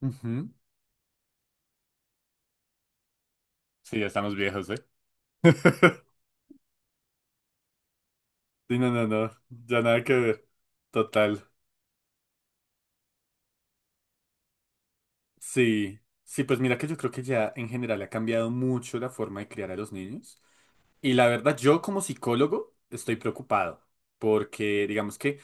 Ujú. Sí, ya estamos viejos, ¿eh? Sí, no, no, no, ya nada que ver. Total. Sí, sí, pues mira que yo creo que ya en general ha cambiado mucho la forma de criar a los niños. Y la verdad, yo como psicólogo estoy preocupado porque digamos que,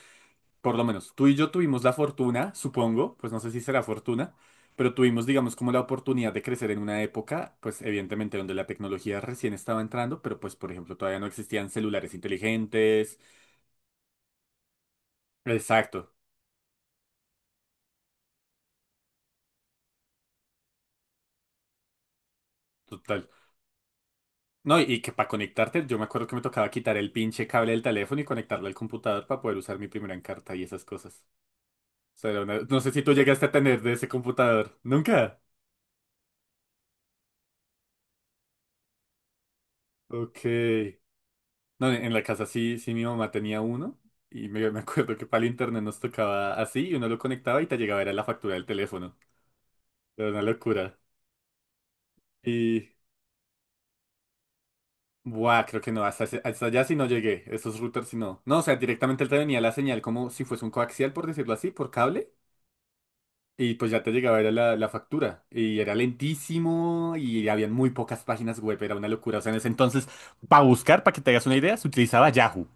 por lo menos, tú y yo tuvimos la fortuna, supongo, pues no sé si será fortuna, pero tuvimos, digamos, como la oportunidad de crecer en una época, pues evidentemente donde la tecnología recién estaba entrando, pero pues, por ejemplo, todavía no existían celulares inteligentes. Exacto. Total. No, y que para conectarte, yo me acuerdo que me tocaba quitar el pinche cable del teléfono y conectarlo al computador para poder usar mi primera Encarta y esas cosas. O sea, no sé si tú llegaste a tener de ese computador. ¿Nunca? Ok. No, en la casa sí, sí mi mamá tenía uno y me acuerdo que para el internet nos tocaba así y uno lo conectaba y te llegaba era la factura del teléfono. Era una locura. Y... Buah, creo que no, hasta, hasta allá sí no llegué, esos routers sí no. No, o sea, directamente él te venía la señal como si fuese un coaxial, por decirlo así, por cable. Y pues ya te llegaba era la factura. Y era lentísimo y habían muy pocas páginas web. Era una locura. O sea, en ese entonces, para buscar, para que te hagas una idea, se utilizaba Yahoo.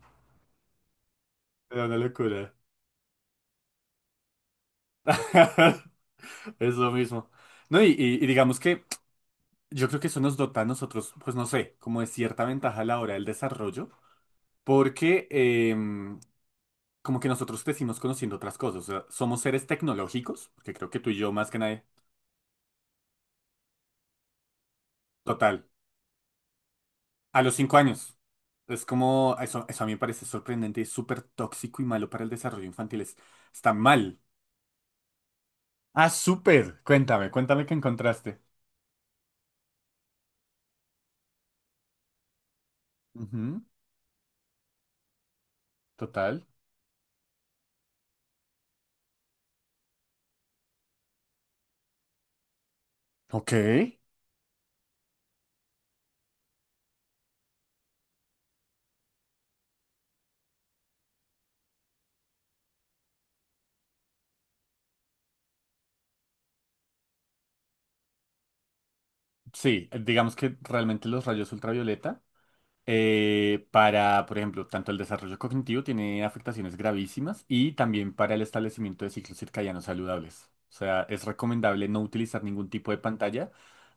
Era una locura. Eso mismo. No, y digamos que yo creo que eso nos dota a nosotros, pues no sé, como de cierta ventaja a la hora del desarrollo, porque como que nosotros crecimos conociendo otras cosas. O sea, somos seres tecnológicos, que creo que tú y yo más que nadie. Total. A los 5 años. Es como, eso a mí me parece sorprendente, es súper tóxico y malo para el desarrollo infantil. Está mal. Ah, súper. Cuéntame, cuéntame qué encontraste. Ujú. Total. Ok. Sí, digamos que realmente los rayos ultravioleta. Para, por ejemplo, tanto el desarrollo cognitivo tiene afectaciones gravísimas y también para el establecimiento de ciclos circadianos saludables. O sea, es recomendable no utilizar ningún tipo de pantalla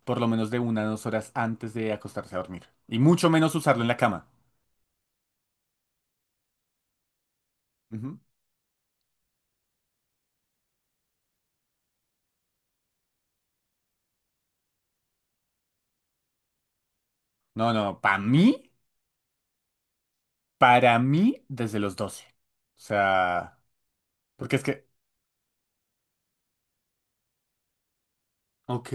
por lo menos de 1 a 2 horas antes de acostarse a dormir. Y mucho menos usarlo en la cama. Ujú. No, no, para mí, desde los 12. O sea, porque es que... Ok,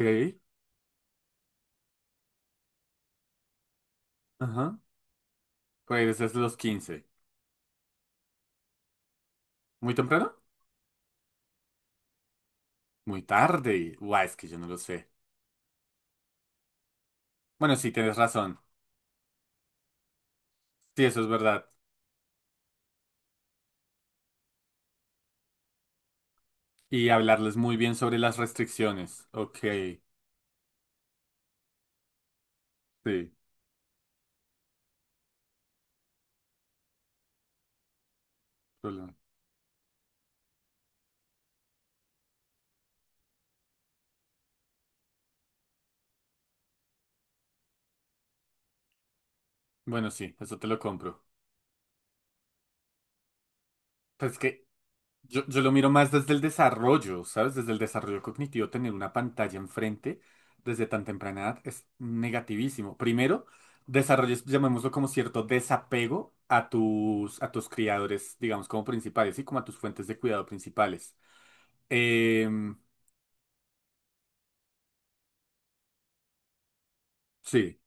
ajá. Pues desde los 15. ¿Muy temprano? Muy tarde. Guau, es que yo no lo sé. Bueno, sí, tienes razón. Sí, eso es verdad. Y hablarles muy bien sobre las restricciones. Ok, sí. Problema. Bueno, sí, eso te lo compro. Pues es que yo lo miro más desde el desarrollo, ¿sabes? Desde el desarrollo cognitivo, tener una pantalla enfrente desde tan temprana edad es negativísimo. Primero, desarrolles, llamémoslo como cierto desapego a tus criadores, digamos, como principales y como a tus fuentes de cuidado principales. Em, sí,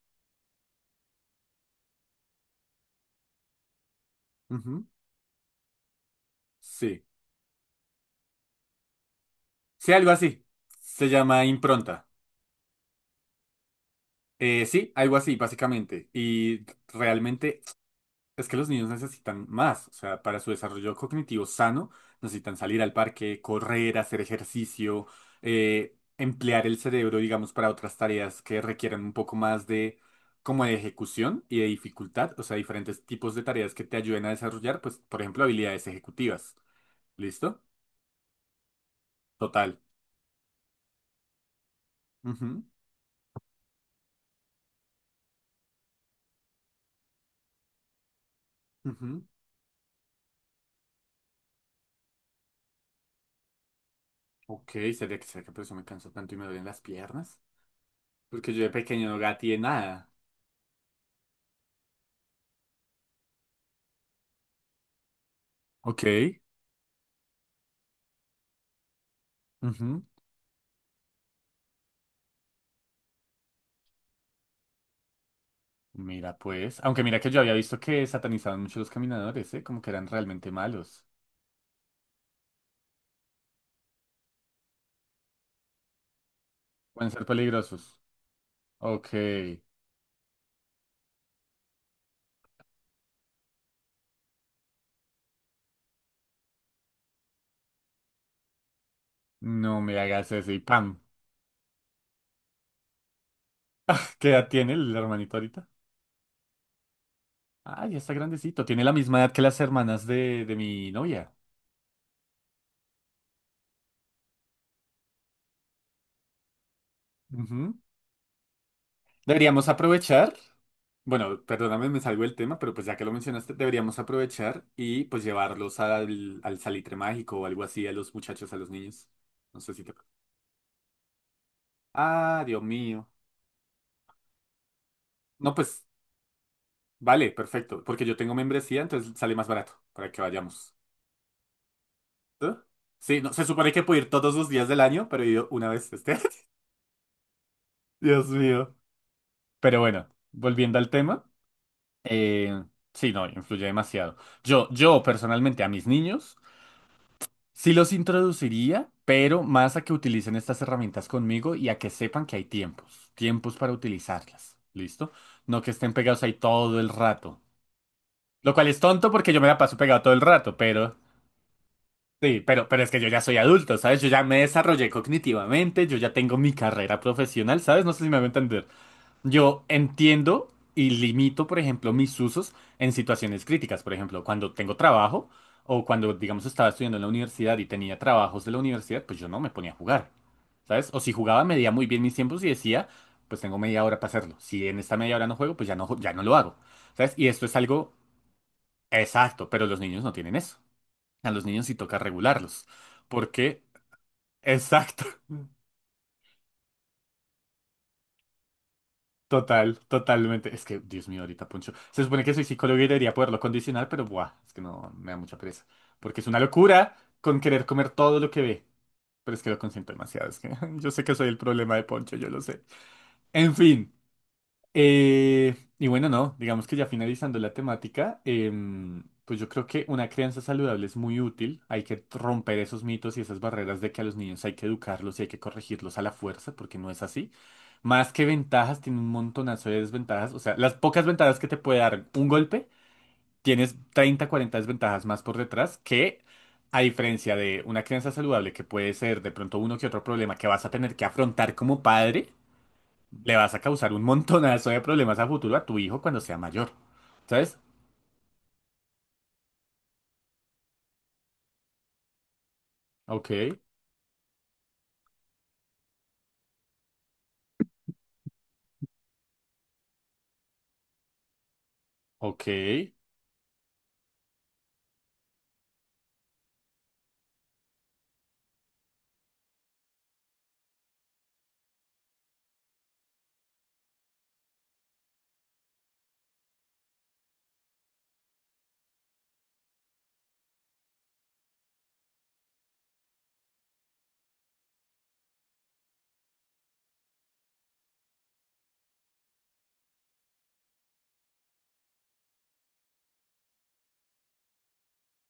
ujú, sí. Sí, algo así. Se llama impronta. Sí, algo así, básicamente. Y realmente es que los niños necesitan más, o sea, para su desarrollo cognitivo sano, necesitan salir al parque, correr, hacer ejercicio, emplear el cerebro, digamos, para otras tareas que requieran un poco más de como de ejecución y de dificultad, o sea, diferentes tipos de tareas que te ayuden a desarrollar, pues, por ejemplo, habilidades ejecutivas. ¿Listo? Total. Ujú, ujú. Ok, sería que será que por eso me canso tanto y me duelen las piernas. Porque yo de pequeño no gateé nada. Ok. Ujú. Mira, pues. Aunque mira que yo había visto que satanizaban mucho los caminadores, ¿eh? Como que eran realmente malos. Pueden ser peligrosos. Ok. ¡No me hagas eso y pam! ¿Qué edad tiene el hermanito ahorita? Ah, ya está grandecito. Tiene la misma edad que las hermanas de mi novia. Ujú. Deberíamos aprovechar. Bueno, perdóname, me salgo del tema, pero pues ya que lo mencionaste, deberíamos aprovechar y pues llevarlos al, al Salitre Mágico o algo así a los muchachos, a los niños. No sé si te... Ah, Dios mío. No, pues vale, perfecto, porque yo tengo membresía, entonces sale más barato para que vayamos. ¿Eh? Sí, no, se supone que puedo ir todos los días del año, pero he ido una vez este. Dios mío. Pero bueno, volviendo al tema, eh, sí, no, influye demasiado. Yo personalmente a mis niños sí los introduciría, pero más a que utilicen estas herramientas conmigo y a que sepan que hay tiempos, tiempos para utilizarlas. ¿Listo? No que estén pegados ahí todo el rato. Lo cual es tonto porque yo me la paso pegado todo el rato, pero... Sí, pero es que yo ya soy adulto, ¿sabes? Yo ya me desarrollé cognitivamente, yo ya tengo mi carrera profesional, ¿sabes? No sé si me voy a entender. Yo entiendo y limito, por ejemplo, mis usos en situaciones críticas. Por ejemplo, cuando tengo trabajo o cuando, digamos, estaba estudiando en la universidad y tenía trabajos de la universidad, pues yo no me ponía a jugar, ¿sabes? O si jugaba, medía muy bien mis tiempos y decía, pues tengo media hora para hacerlo. Si en esta media hora no juego, pues ya no, ya no lo hago, ¿sabes? Y esto es algo exacto, pero los niños no tienen eso. A los niños sí toca regularlos. Porque, exacto, total, totalmente. Es que, Dios mío, ahorita Poncho. Se supone que soy psicólogo y debería poderlo condicionar, pero buah, es que no me da mucha pereza. Porque es una locura con querer comer todo lo que ve. Pero es que lo consiento demasiado. Es que yo sé que soy el problema de Poncho, yo lo sé. En fin. Y bueno, no, digamos que ya finalizando la temática, pues yo creo que una crianza saludable es muy útil. Hay que romper esos mitos y esas barreras de que a los niños hay que educarlos y hay que corregirlos a la fuerza, porque no es así. Más que ventajas, tiene un montonazo de desventajas. O sea, las pocas ventajas que te puede dar un golpe, tienes 30 40 desventajas más por detrás que, a diferencia de una crianza saludable que puede ser de pronto uno que otro problema que vas a tener que afrontar como padre le vas a causar un montonazo de problemas a futuro a tu hijo cuando sea mayor. ¿Sabes? Ok, ok.